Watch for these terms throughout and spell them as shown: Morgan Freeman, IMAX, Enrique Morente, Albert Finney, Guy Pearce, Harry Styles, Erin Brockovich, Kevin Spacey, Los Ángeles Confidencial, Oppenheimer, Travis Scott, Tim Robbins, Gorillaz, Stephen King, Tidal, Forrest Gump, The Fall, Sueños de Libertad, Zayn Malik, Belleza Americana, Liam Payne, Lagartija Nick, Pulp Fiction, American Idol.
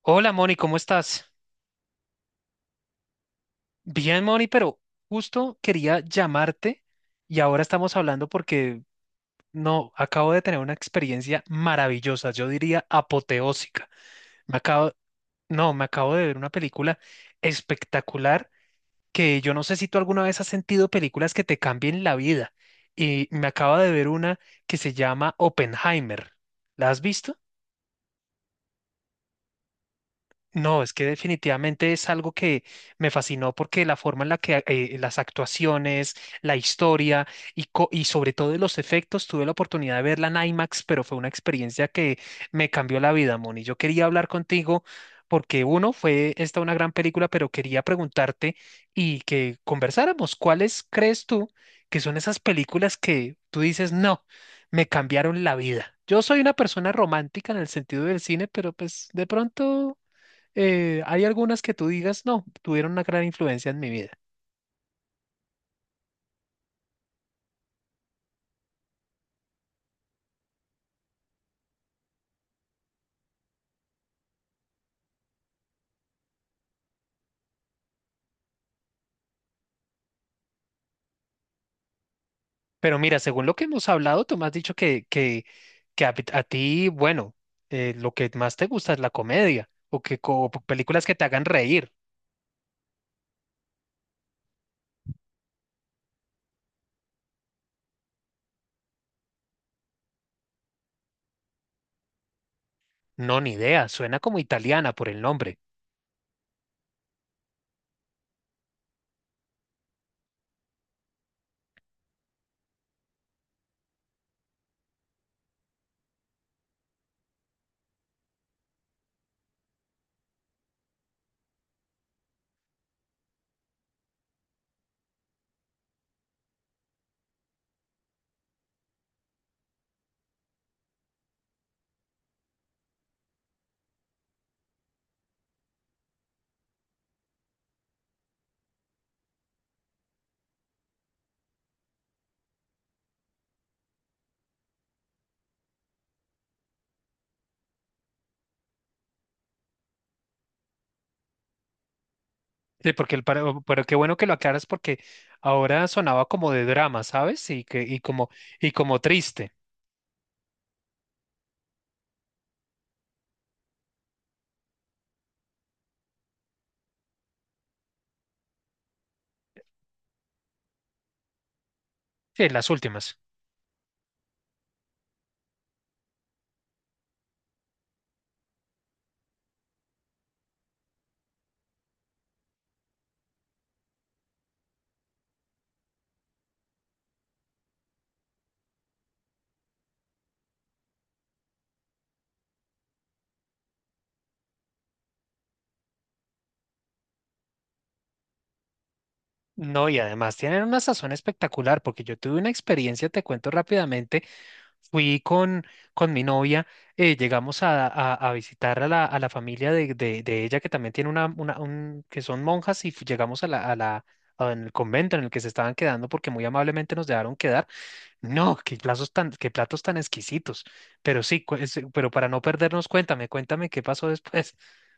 Hola Moni, ¿cómo estás? Bien, Moni, pero justo quería llamarte y ahora estamos hablando porque no, acabo de tener una experiencia maravillosa, yo diría apoteósica. Me acabo, no, me acabo de ver una película espectacular que yo no sé si tú alguna vez has sentido películas que te cambien la vida y me acabo de ver una que se llama Oppenheimer. ¿La has visto? No, es que definitivamente es algo que me fascinó porque la forma en la que las actuaciones, la historia y sobre todo los efectos, tuve la oportunidad de verla en IMAX, pero fue una experiencia que me cambió la vida, Moni. Yo quería hablar contigo porque uno, fue esta una gran película, pero quería preguntarte y que conversáramos, ¿cuáles crees tú que son esas películas que tú dices, no, me cambiaron la vida? Yo soy una persona romántica en el sentido del cine, pero pues de pronto hay algunas que tú digas, no, tuvieron una gran influencia en mi vida. Pero mira, según lo que hemos hablado, tú me has dicho que a ti, bueno, lo que más te gusta es la comedia o que películas que te hagan reír. No, ni idea, suena como italiana por el nombre. Sí, porque pero qué bueno que lo aclaras porque ahora sonaba como de drama, ¿sabes? Y como triste. Sí, las últimas. No, y además tienen una sazón espectacular porque yo tuve una experiencia, te cuento rápidamente. Fui con mi novia, llegamos a visitar a la familia de ella, que también tiene una, un, que son monjas, y llegamos a la, en el convento en el que se estaban quedando, porque muy amablemente nos dejaron quedar. No, qué platos tan exquisitos. Pero sí, pero para no perdernos, cuéntame qué pasó después.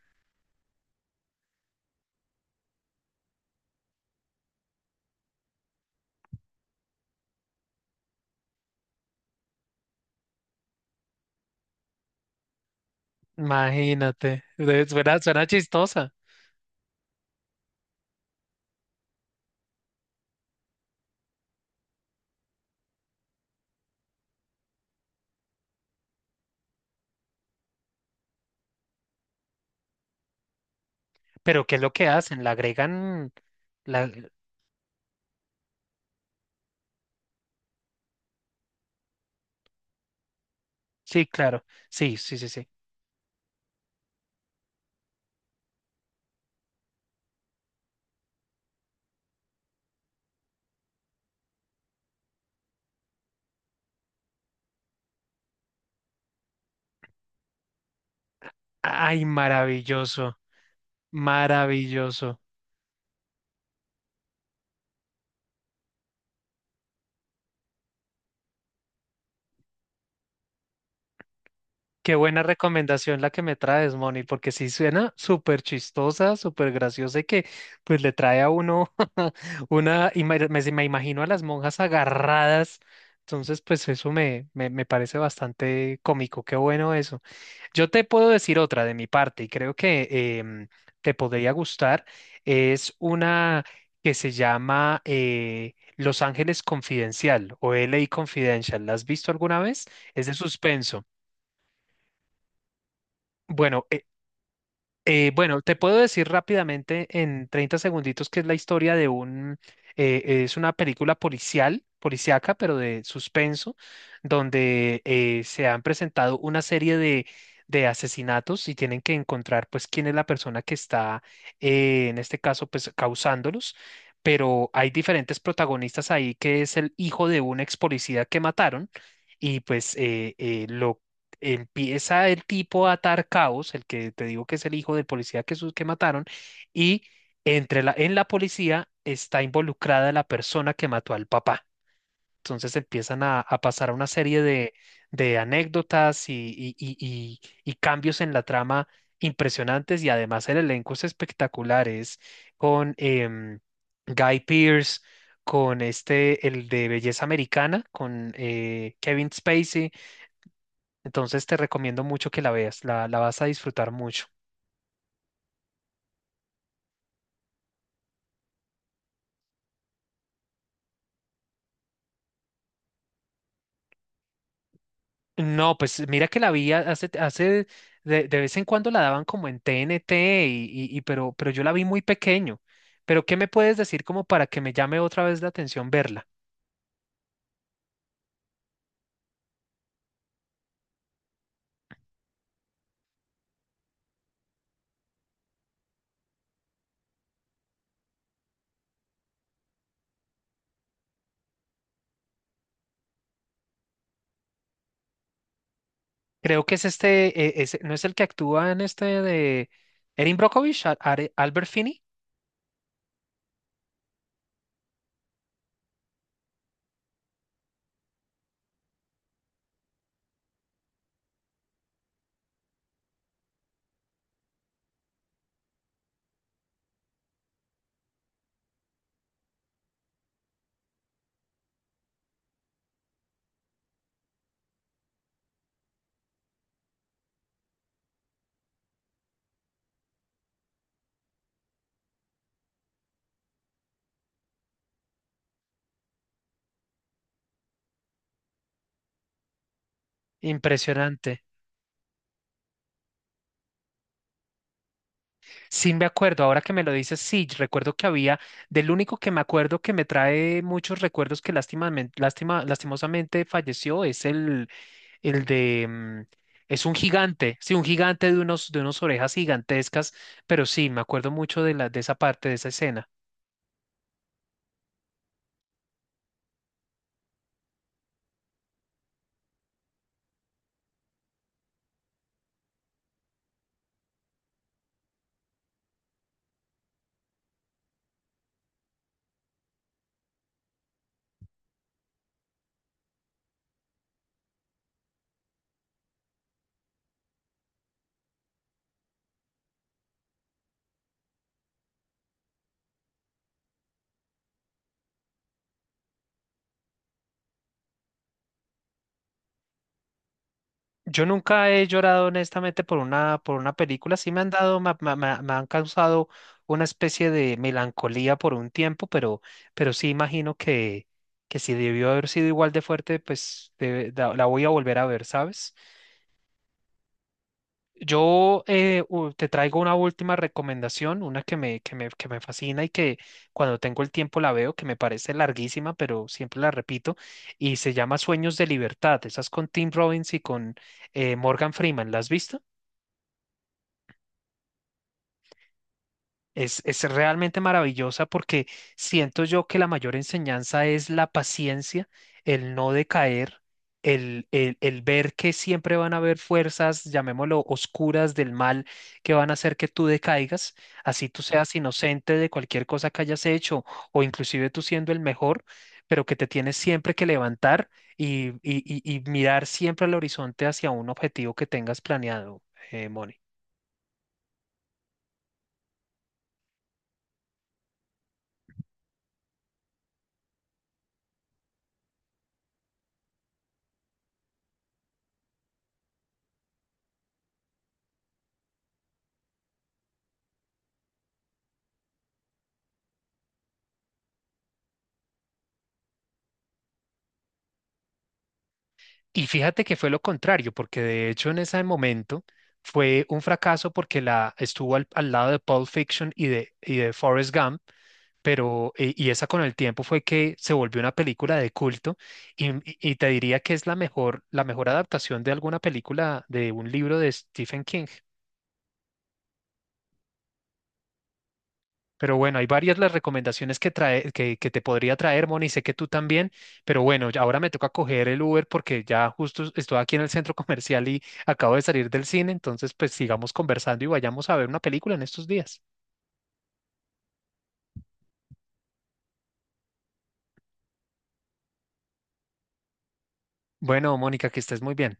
Imagínate, suena chistosa. Pero ¿qué es lo que hacen? ¿La agregan? La... Sí, claro. Sí, sí, sí, sí. Ay, maravilloso. Maravilloso. Qué buena recomendación la que me traes, Moni, porque sí suena súper chistosa, súper graciosa y que pues le trae a uno y me imagino a las monjas agarradas. Entonces, pues eso me parece bastante cómico. Qué bueno eso. Yo te puedo decir otra de mi parte y creo que em, te podría gustar. Es una que se llama Los Ángeles Confidencial o L LA Confidential. ¿La has visto alguna vez? Es de suspenso. Bueno, bueno, te puedo decir rápidamente en 30 segunditos que es la historia de un, es una película policial, policíaca, pero de suspenso, donde se han presentado una serie de asesinatos y tienen que encontrar pues quién es la persona que está, en este caso, pues causándolos. Pero hay diferentes protagonistas ahí que es el hijo de un ex policía que mataron y pues lo empieza el tipo a atar cabos, el que te digo que es el hijo del policía que mataron, y en la policía está involucrada la persona que mató al papá. Entonces empiezan a pasar una serie de anécdotas y cambios en la trama impresionantes y además el elenco es espectacular, es con Guy Pearce, con este, el de Belleza Americana, con Kevin Spacey. Entonces te recomiendo mucho que la veas, la vas a disfrutar mucho. No, pues mira que la vi hace, hace de vez en cuando la daban como en TNT, pero yo la vi muy pequeño. Pero ¿qué me puedes decir como para que me llame otra vez la atención verla? Creo que es este, ¿no es el que actúa en este de Erin Brockovich, Albert Finney? Impresionante. Sí, me acuerdo, ahora que me lo dices, sí, recuerdo que había, del único que me acuerdo que me trae muchos recuerdos que lástima, lastimosamente falleció, es el de, mm, es un gigante, sí, un gigante de de unas orejas gigantescas, pero sí, me acuerdo mucho de de esa parte, de esa escena. Yo nunca he llorado honestamente por una película. Sí me han dado, han causado una especie de melancolía por un tiempo, pero sí imagino que si debió haber sido igual de fuerte, pues la voy a volver a ver, ¿sabes? Yo te traigo una última recomendación, una que me fascina y que cuando tengo el tiempo la veo, que me parece larguísima, pero siempre la repito, y se llama Sueños de Libertad. Esas con Tim Robbins y con Morgan Freeman. ¿La has visto? Es realmente maravillosa porque siento yo que la mayor enseñanza es la paciencia, el no decaer, el ver que siempre van a haber fuerzas, llamémoslo oscuras del mal, que van a hacer que tú decaigas, así tú seas inocente de cualquier cosa que hayas hecho o inclusive tú siendo el mejor, pero que te tienes siempre que levantar y mirar siempre al horizonte hacia un objetivo que tengas planeado, Moni. Y fíjate que fue lo contrario, porque de hecho en ese momento fue un fracaso porque la estuvo al lado de Pulp Fiction y de Forrest Gump, pero y esa con el tiempo fue que se volvió una película de culto y te diría que es la mejor adaptación de alguna película de un libro de Stephen King. Pero bueno, hay varias las recomendaciones que trae, que te podría traer, Moni, sé que tú también, pero bueno, ya ahora me toca coger el Uber porque ya justo estoy aquí en el centro comercial y acabo de salir del cine, entonces pues sigamos conversando y vayamos a ver una película en estos días. Bueno, Mónica, que estés muy bien.